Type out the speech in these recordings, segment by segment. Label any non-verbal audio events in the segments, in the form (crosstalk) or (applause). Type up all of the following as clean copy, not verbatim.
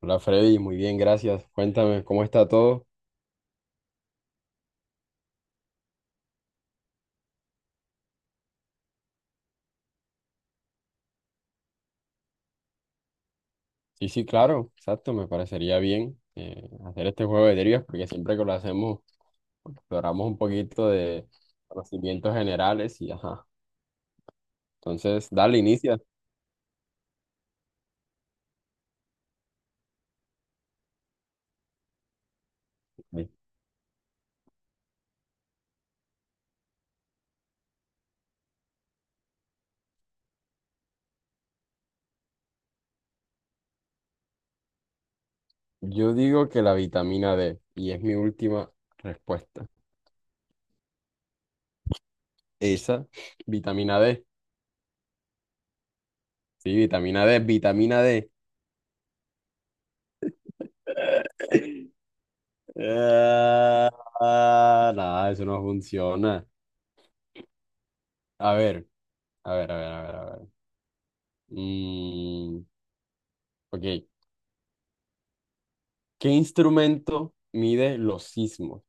Hola Freddy, muy bien, gracias. Cuéntame, ¿cómo está todo? Sí, sí, claro, exacto, me parecería bien, hacer este juego de trivias porque siempre que lo hacemos exploramos un poquito de conocimientos generales y ajá. Entonces, dale, inicia. Yo digo que la vitamina D, y es mi última respuesta. Esa, vitamina D. Sí, vitamina D. (laughs) Ah, ah, nada, eso no funciona. A ver, a ver, a ver, a ver, a ver. Mm, ok. ¿Qué instrumento mide los sismos?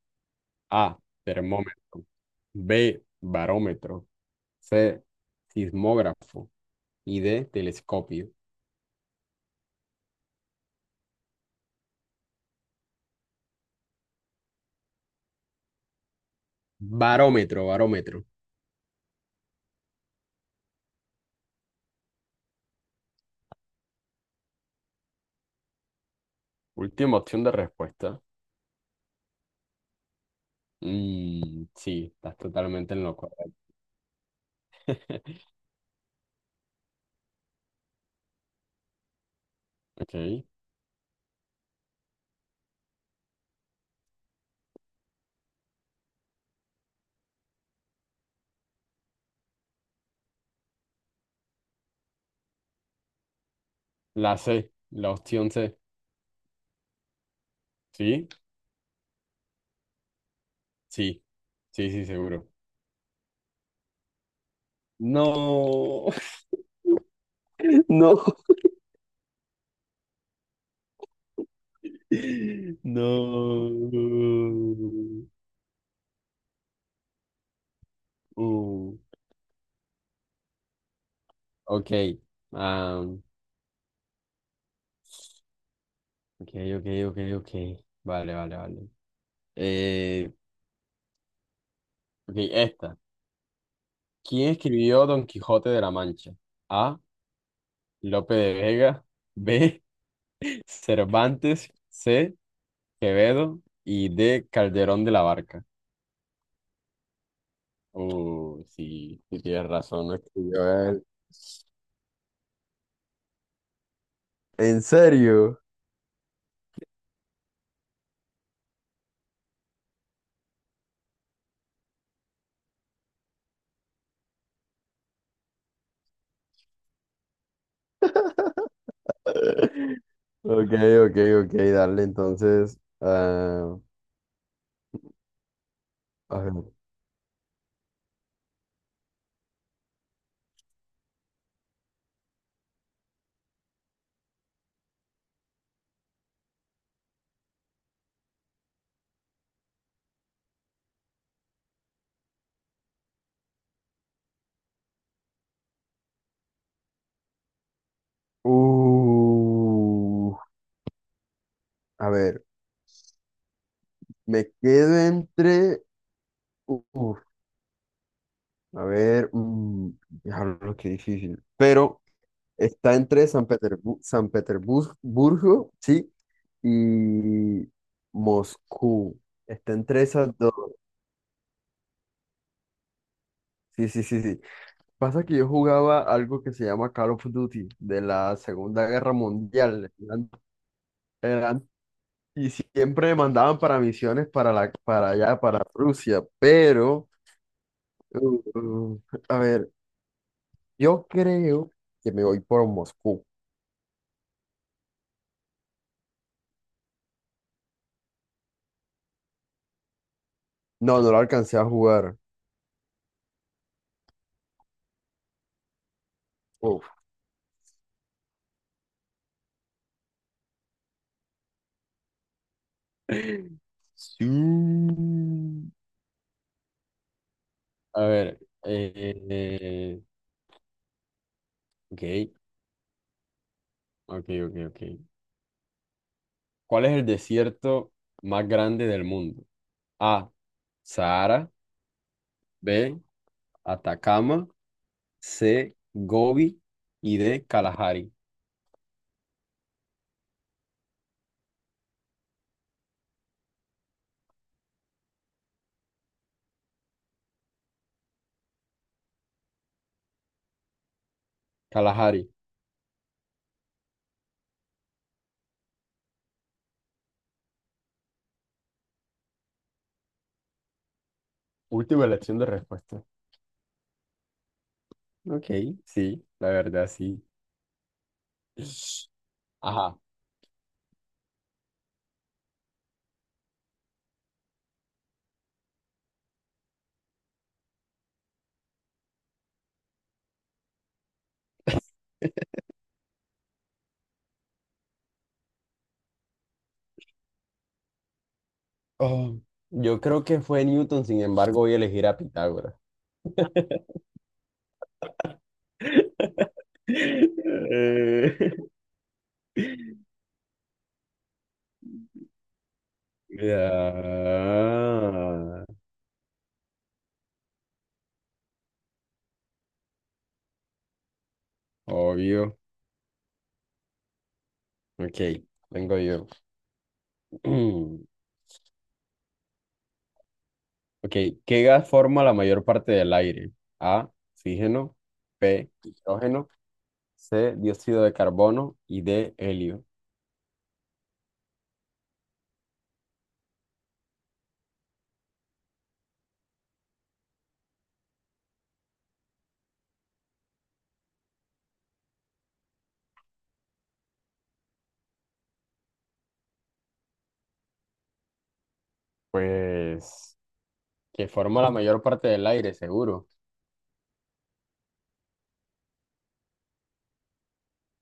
A, termómetro. B, barómetro. C, sismógrafo. Y D, telescopio. Barómetro, barómetro. Última opción de respuesta. Mm, sí, estás totalmente en lo correcto. (laughs) Ok. La C, la opción C. ¿Sí? Sí. Sí, sí, seguro. No. (laughs) No. No. Mm, ok. Ah, ok, ok, ok, ok. Vale, vale, vale. Eh, ok, esta. ¿Quién escribió Don Quijote de la Mancha? A. Lope de Vega. B. (laughs) Cervantes. C. Quevedo. Y D. Calderón de la Barca. Sí, sí tienes razón, no escribió él. ¿En serio? (laughs) Ok, ok, ok, dale entonces. Ah, a ver. Uh, A ver, me quedo entre. Uf, a ver, mm, diablo, qué difícil. Pero está entre San Petersburgo, sí, y Moscú. Está entre esas dos. Sí, sí, sí, sí. Pasa que yo jugaba algo que se llama Call of Duty de la Segunda Guerra Mundial. Eran- y siempre me mandaban para misiones para la, para allá, para Rusia. Pero, uh, a ver. Yo creo que me voy por Moscú. No, no lo alcancé a jugar. Uf. (laughs) Sí. A ver, ok, ok, ok, ok. ¿Cuál es el desierto más grande del mundo? A, Sahara. B, Atacama. C, Gobi. Y D, Kalahari. Kalahari, última elección de respuesta. Ok, sí, la verdad, sí. Ajá. Oh, yo creo que fue Newton, sin embargo, voy a elegir a Pitágoras. Eh, (laughs) ah, obvio. Ok, tengo yo. (clears throat) Ok, ¿qué gas forma la mayor parte del aire? A, oxígeno. B, hidrógeno. C, dióxido de carbono. Y D, helio. Pues, que forma la mayor parte del aire, seguro.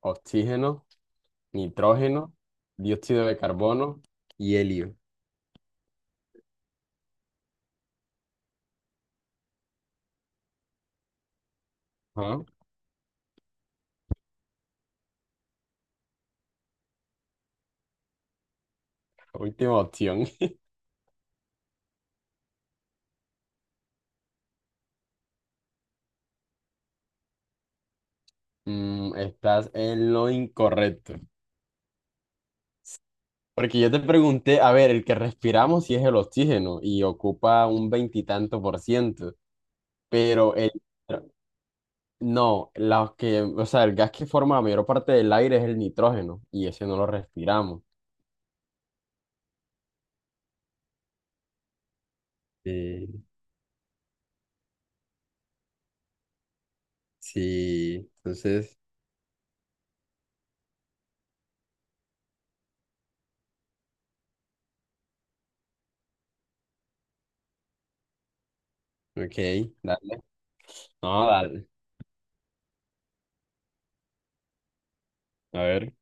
Oxígeno, nitrógeno, dióxido de carbono y helio. Ajá, última opción. Mm, estás en lo incorrecto. Porque yo te pregunté, a ver, el que respiramos sí es el oxígeno y ocupa un veintitanto por ciento, pero el... No, los que, o sea, el gas que forma la mayor parte del aire es el nitrógeno y ese no lo respiramos. Sí, sí, entonces, ok, dale. No, dale. A ver.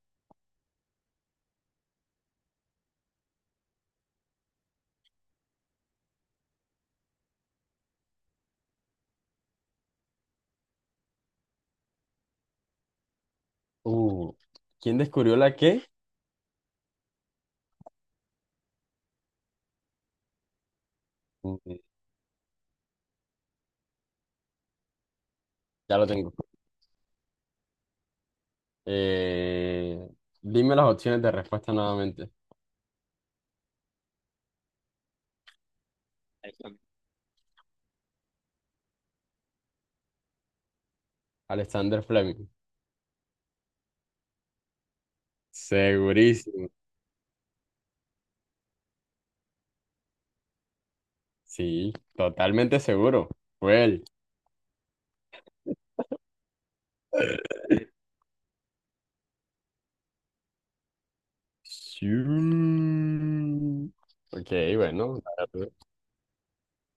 Uh, ¿Quién descubrió la qué? Mm, ya lo tengo. Eh, dime las opciones de respuesta nuevamente. Alexander Fleming. Segurísimo. Sí, totalmente seguro. Fue él. Sí. Ok, bueno.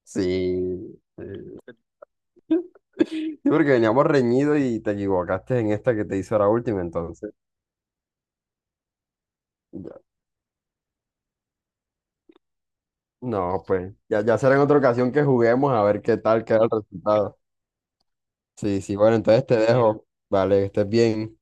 Sí. (laughs) Sí, porque veníamos reñidos y te equivocaste en esta que te hizo la última, entonces. Ya. No, pues ya, ya será en otra ocasión que juguemos a ver qué tal queda el resultado. Sí, sí, bueno, entonces te dejo. Vale, que estés bien.